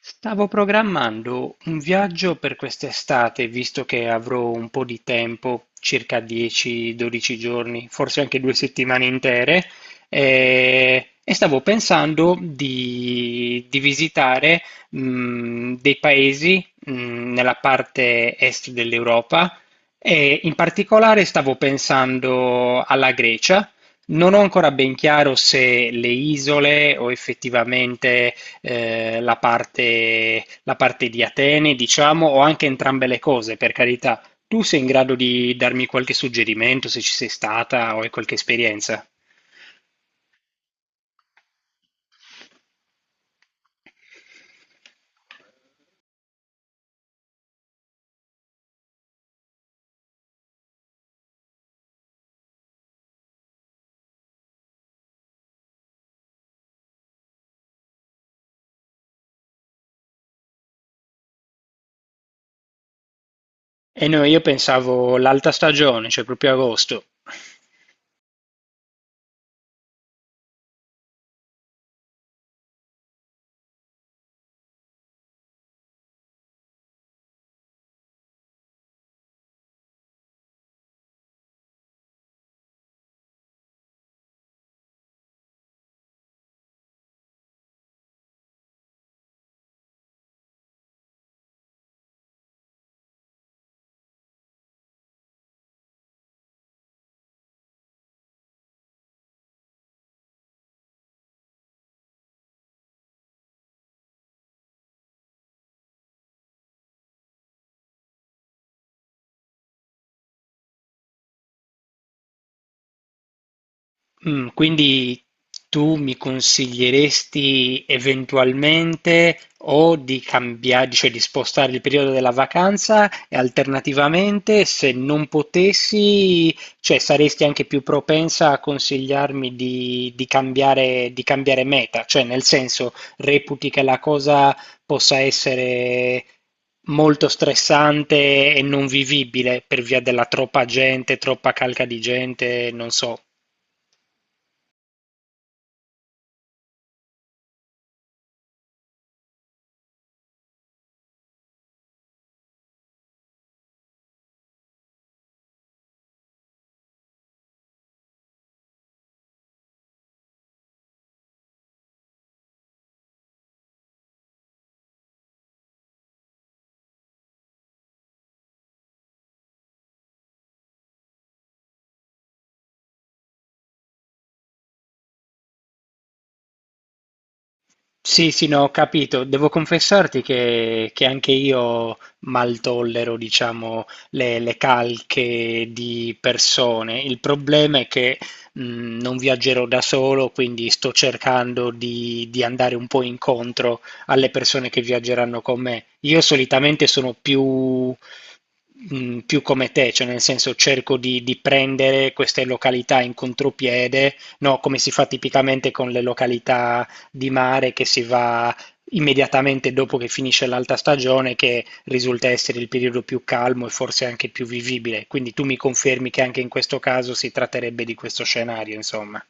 Stavo programmando un viaggio per quest'estate, visto che avrò un po' di tempo, circa 10-12 giorni, forse anche due settimane intere, e stavo pensando di visitare dei paesi nella parte est dell'Europa e in particolare stavo pensando alla Grecia. Non ho ancora ben chiaro se le isole o effettivamente la parte di Atene, diciamo, o anche entrambe le cose, per carità. Tu sei in grado di darmi qualche suggerimento se ci sei stata o hai qualche esperienza? E no, io pensavo l'alta stagione, cioè proprio agosto. Quindi tu mi consiglieresti eventualmente o di cambiare, cioè di spostare il periodo della vacanza e alternativamente, se non potessi, cioè saresti anche più propensa a consigliarmi di cambiare meta, cioè nel senso reputi che la cosa possa essere molto stressante e non vivibile per via della troppa gente, troppa calca di gente, non so. Sì, sì, no, ho capito. Devo confessarti che anche io mal tollero, diciamo, le calche di persone. Il problema è che non viaggerò da solo, quindi sto cercando di andare un po' incontro alle persone che viaggeranno con me. Io solitamente sono più come te, cioè nel senso cerco di prendere queste località in contropiede, no, come si fa tipicamente con le località di mare che si va immediatamente dopo che finisce l'alta stagione, che risulta essere il periodo più calmo e forse anche più vivibile. Quindi tu mi confermi che anche in questo caso si tratterebbe di questo scenario, insomma.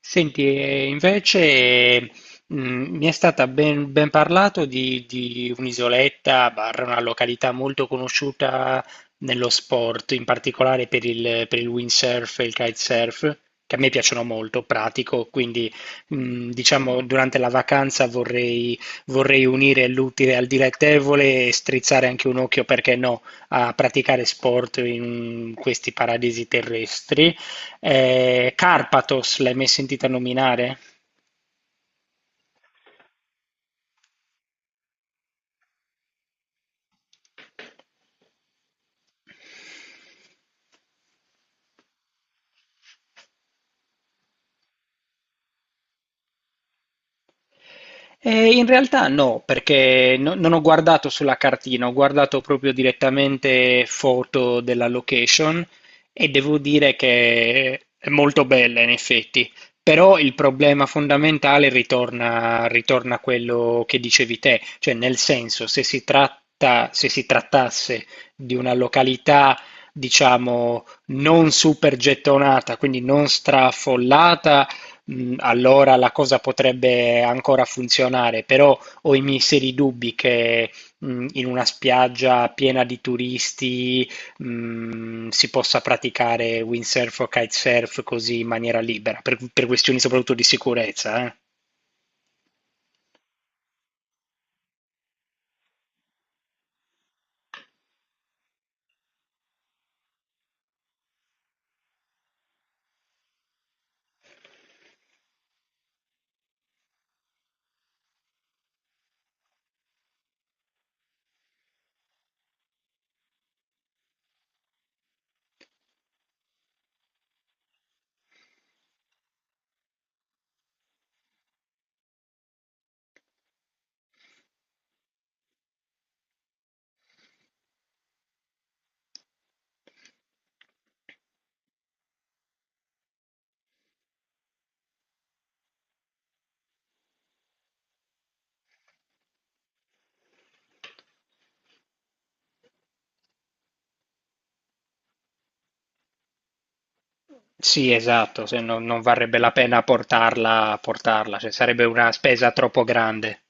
Senti, e invece mh, mi è stata ben parlato di un'isoletta, barra una località molto conosciuta nello sport, in particolare per il windsurf e il kitesurf, che a me piacciono molto, pratico, quindi diciamo durante la vacanza vorrei unire l'utile al dilettevole e strizzare anche un occhio, perché no, a praticare sport in questi paradisi terrestri. Carpathos, l'hai mai sentita nominare? In realtà no, perché non ho guardato sulla cartina, ho guardato proprio direttamente foto della location e devo dire che è molto bella in effetti, però il problema fondamentale ritorna a quello che dicevi te, cioè nel senso se si trattasse di una località diciamo non super gettonata, quindi non straffollata, allora la cosa potrebbe ancora funzionare, però ho i miei seri dubbi che in una spiaggia piena di turisti si possa praticare windsurf o kitesurf così in maniera libera, per questioni soprattutto di sicurezza, eh. Sì, esatto, se no non varrebbe la pena portarla, cioè sarebbe una spesa troppo grande.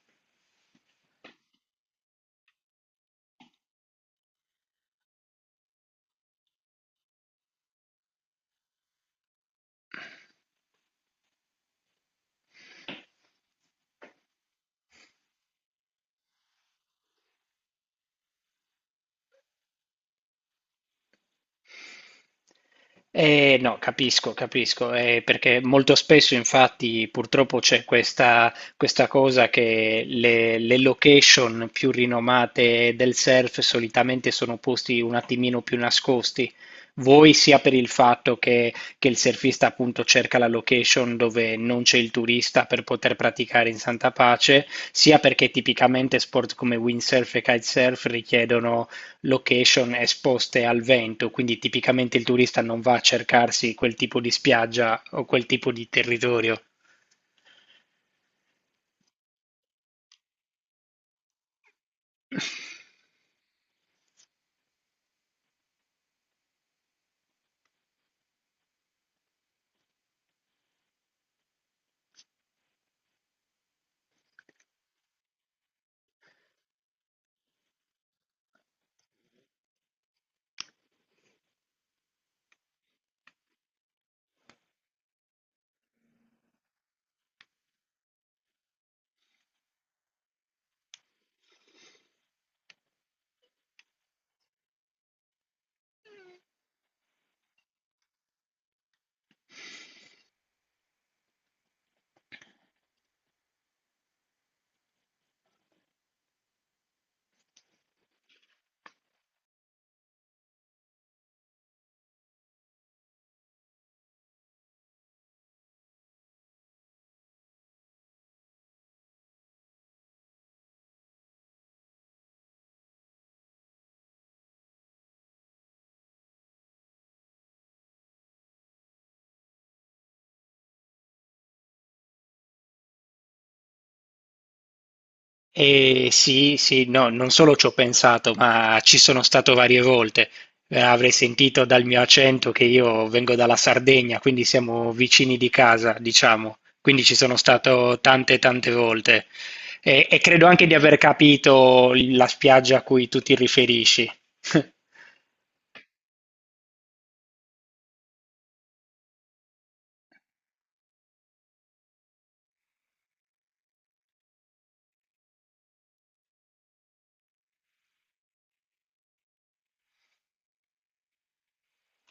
No, capisco, capisco, perché molto spesso infatti purtroppo c'è questa cosa che le location più rinomate del surf solitamente sono posti un attimino più nascosti. Voi sia per il fatto che il surfista appunto cerca la location dove non c'è il turista per poter praticare in santa pace, sia perché tipicamente sport come windsurf e kitesurf richiedono location esposte al vento, quindi tipicamente il turista non va a cercarsi quel tipo di spiaggia o quel tipo di territorio. E sì, sì, no, non solo ci ho pensato, ma ci sono stato varie volte. Avrei sentito dal mio accento che io vengo dalla Sardegna, quindi siamo vicini di casa, diciamo. Quindi ci sono stato tante, tante volte. E credo anche di aver capito la spiaggia a cui tu ti riferisci.